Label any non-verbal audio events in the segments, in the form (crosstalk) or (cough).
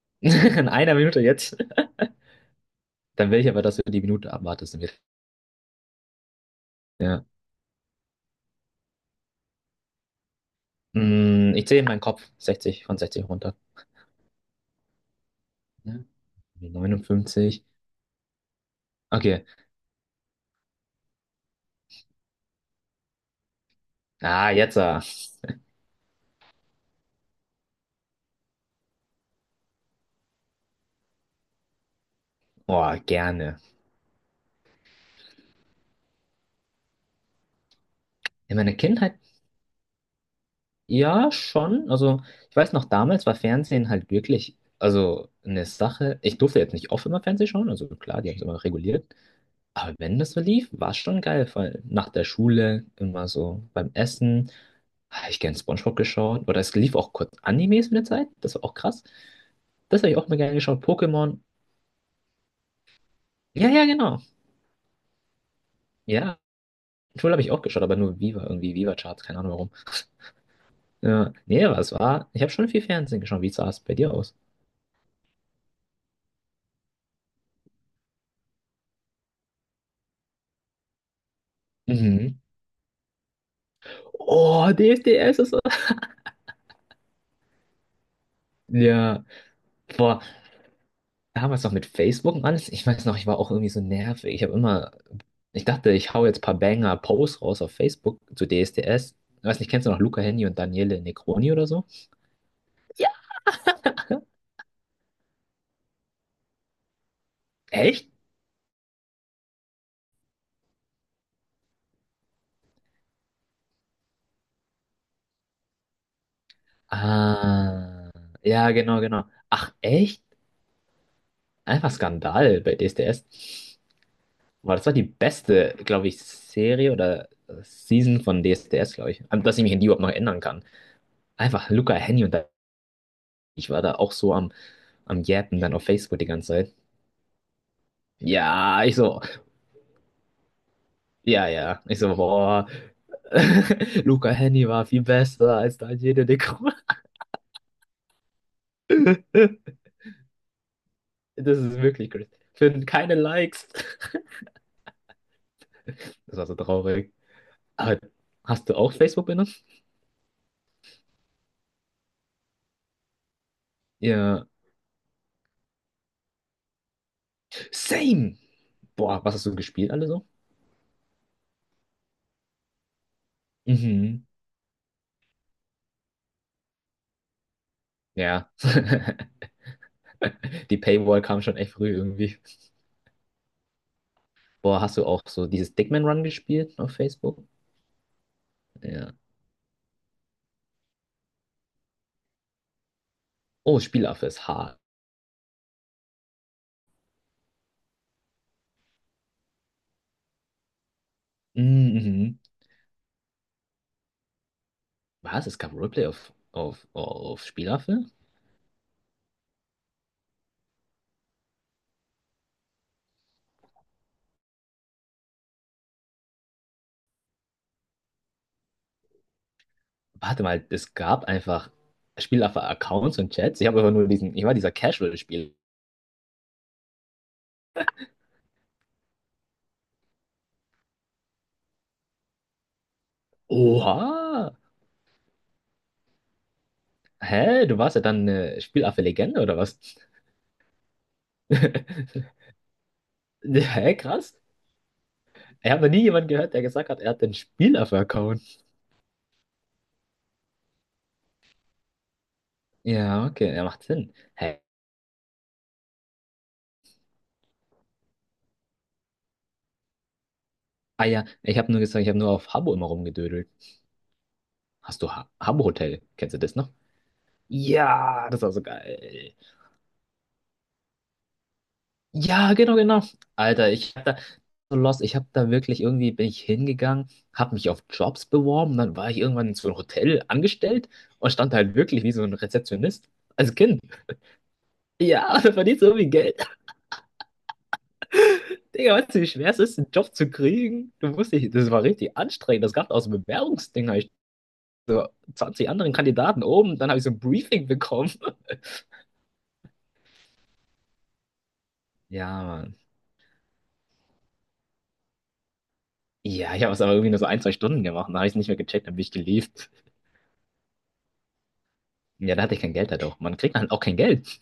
(laughs) In einer Minute jetzt. Dann will ich aber, dass du die Minute abwartest. Ja. Ich zähle in meinen Kopf 60 von 60 runter. Ja. 59. Okay. Ah, jetzt, ah. Oh, gerne. In meiner Kindheit, ja, schon. Also, ich weiß noch, damals war Fernsehen halt wirklich, also eine Sache. Ich durfte jetzt nicht oft immer Fernsehen schauen, also klar, die haben es immer reguliert. Aber wenn das so lief, war es schon geil, weil nach der Schule immer so beim Essen. Habe ich gern SpongeBob geschaut. Oder es lief auch kurz Animes mit der Zeit. Das war auch krass. Das habe ich auch mal gerne geschaut. Pokémon. Ja, ja, genau. Ja. Schule habe ich auch geschaut, aber nur Viva, irgendwie Viva-Charts, keine Ahnung warum. Ja, nee, aber es war. Ich habe schon viel Fernsehen geschaut. Wie sah es bei dir aus? Mhm. Oh, DSDS ist so. Ja. Boah, damals noch mit Facebook und alles. Ich weiß noch, ich war auch irgendwie so nervig. Ich habe immer. Ich dachte, ich hau jetzt ein paar Banger-Posts raus auf Facebook zu DSDS. Ich weiß nicht, kennst du noch Luca Hänni und Daniele Necroni oder so? Echt? Ah, ja, genau, genau. Ach, echt? Einfach Skandal bei D D S D S. Boah, das war die beste, glaube ich, Serie oder Season von D D S D S, glaube ich. Dass ich mich an die überhaupt noch erinnern kann. Einfach Luca, Henny und ich war da auch so am Jappen dann auf Facebook die ganze Zeit. Ja, ich so, ja, ja. Ich so, boah, (laughs) Luca, Henny war viel besser als Daniele De Croo. (laughs) Das ist wirklich crazy. Finden keine Likes. Das war so traurig. Aber hast du auch Facebook? Ja, same. Boah, was hast du gespielt alle so? Mhm. Ja. (laughs) Die Paywall kam schon echt früh irgendwie. Boah, hast du auch so dieses Dickman Run gespielt auf Facebook? Ja. Oh, Spielaffe ist hart. Mhm. Was? Es gab Roleplay auf Spielaffe? Warte mal, es gab einfach Spielaffe-Accounts und Chats. Ich habe einfach nur diesen, ich war dieser Casual-Spiel. Oha! Hä? Du warst ja dann eine Spielaffe-Legende oder was? (laughs) Hä, krass. Ich habe noch nie jemanden gehört, der gesagt hat, er hat den Spieler-Account. Ja, okay, er macht Sinn. Hä? Ah ja, ich habe nur gesagt, ich habe nur auf Habbo immer rumgedödelt. Hast du ha Habbo Hotel? Kennst du das noch? Ja, das war so geil. Ja, genau, genau. Alter, ich hab da so lost. Ich hab da wirklich irgendwie bin ich hingegangen, hab mich auf Jobs beworben, dann war ich irgendwann in so einem Hotel angestellt und stand halt wirklich wie so ein Rezeptionist als Kind. Ja, (laughs) da verdienst du irgendwie Geld. Digga, weißt du, wie schwer es ist, einen Job zu kriegen? Du musst dich, das war richtig anstrengend. Das gab aus dem Bewerbungsding, hab ich so 20 anderen Kandidaten oben, dann habe ich so ein Briefing bekommen. (laughs) Ja, Mann. Ja, ich habe es aber irgendwie nur so ein, zwei Stunden gemacht. Dann habe ich es nicht mehr gecheckt, dann bin ich gelieft. Ja, da hatte ich kein Geld halt auch. Man kriegt halt auch kein Geld.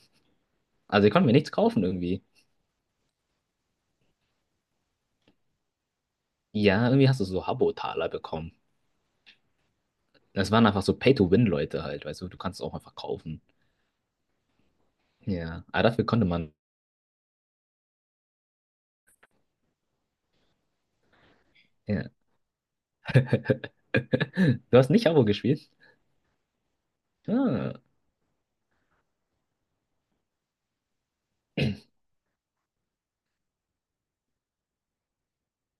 Also ich konnte mir nichts kaufen irgendwie. Ja, irgendwie hast du so Habbo-Taler bekommen. Das waren einfach so Pay-to-Win-Leute halt, weißt du, du kannst es auch einfach kaufen. Ja, aber dafür konnte man. Ja. (laughs) Du hast nicht Habbo gespielt? Ah.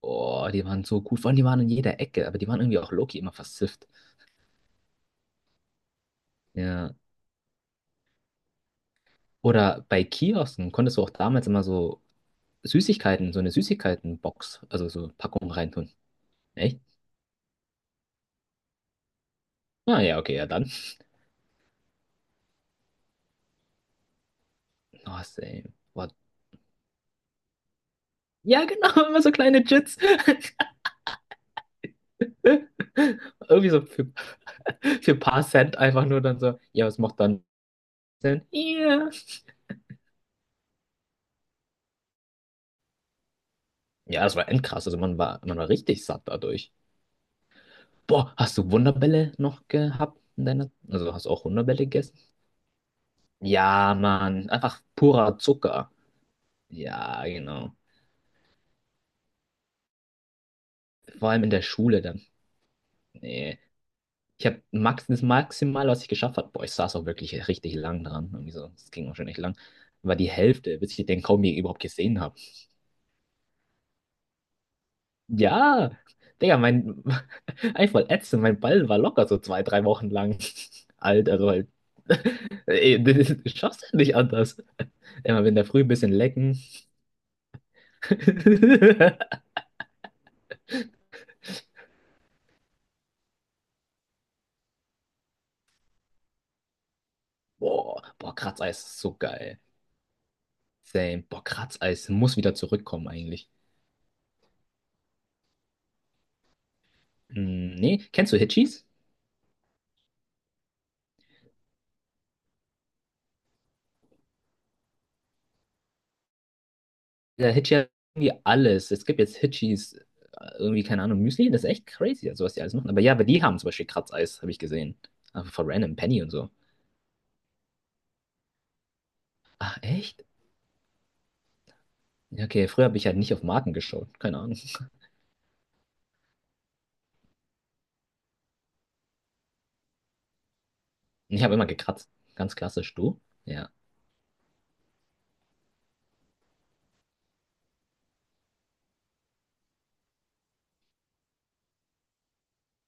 Oh, die waren so gut. Vor allem, die waren in jeder Ecke, aber die waren irgendwie auch Loki immer versifft. Ja. Oder bei Kiosken konntest du auch damals immer so Süßigkeiten, so eine Süßigkeitenbox, also so Packung reintun. Echt? Ah ja, okay, ja dann. Oh, same. What? Ja, genau, (laughs) immer so kleine Jits. (laughs) Irgendwie so für ein paar Cent einfach nur dann so, ja, was macht dann Cent? Ja. Ja, das war endkrass. Also man war richtig satt dadurch. Boah, hast du Wunderbälle noch gehabt in deiner? Also hast du auch Wunderbälle gegessen? Ja, Mann, einfach purer Zucker. Ja, genau. Vor allem in der Schule dann. Nee. Ich habe max das Maximal, was ich geschafft habe. Boah, ich saß auch wirklich richtig lang dran. Irgendwie so, das ging auch schon echt lang. War die Hälfte, bis ich den kaum je überhaupt gesehen habe. Ja, Digga, mein. (laughs) Eigentlich voll ätzend. Mein Ball war locker so zwei, drei Wochen lang (laughs) alt. Also halt. (laughs) Ey, das das (laughs) schaffst du nicht anders. Immer wenn der früh ein bisschen lecken. (laughs) Boah, boah, Kratzeis ist so geil. Same. Boah, Kratzeis muss wieder zurückkommen eigentlich. Hm, nee, kennst du Hitchis? Der Hitchi hat irgendwie alles. Es gibt jetzt Hitchis, irgendwie, keine Ahnung, Müsli. Das ist echt crazy, also was die alles machen. Aber ja, aber die haben zum Beispiel Kratzeis, habe ich gesehen. Aber von Random Penny und so. Ach, echt? Ja, okay, früher habe ich halt nicht auf Marken geschaut. Keine Ahnung. (laughs) Ich habe immer gekratzt. Ganz klassisch, du? Ja.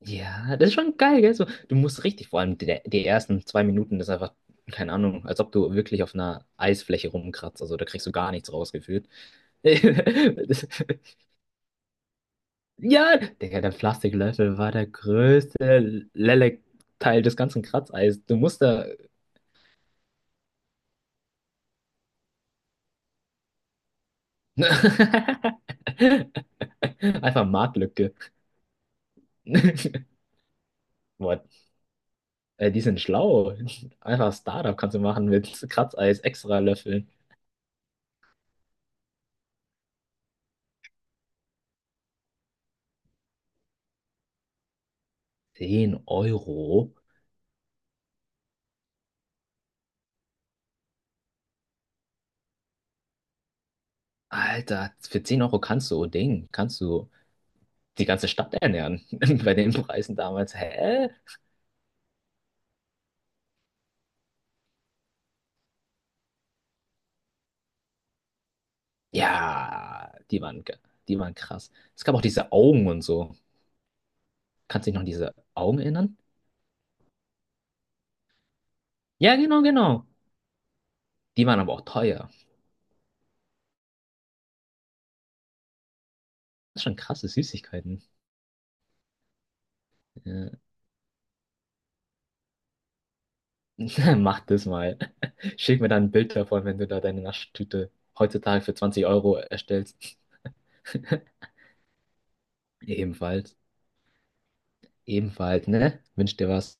Ja, das ist schon geil, gell? So, du musst richtig, vor allem die, die ersten zwei Minuten, das ist einfach, keine Ahnung, als ob du wirklich auf einer Eisfläche rumkratzt. Also da kriegst du gar nichts rausgefühlt. (laughs) Ja, Digga, der Plastiklöffel war der größte Lelek-Teil des ganzen Kratzeis. Du musst da. (laughs) Einfach Marktlücke. (laughs) What? Die sind schlau. Einfach Startup kannst du machen mit Kratzeis, extra Löffeln. Zehn Euro? Alter, für 10 Euro kannst du, oh Ding, kannst du die ganze Stadt ernähren. (laughs) Bei den Preisen damals. Hä? Ja, die waren, die waren krass. Es gab auch diese Augen und so. Kannst du dich noch an diese Augen erinnern? Ja, genau, genau. Die waren aber auch teuer. Das ist schon krasse Süßigkeiten. Ja. (laughs) Mach das mal. (laughs) Schick mir dann ein Bild davon, wenn du da deine Naschtüte heutzutage für 20 Euro erstellst. (laughs) Ebenfalls. Ebenfalls, ne? Wünsch dir was.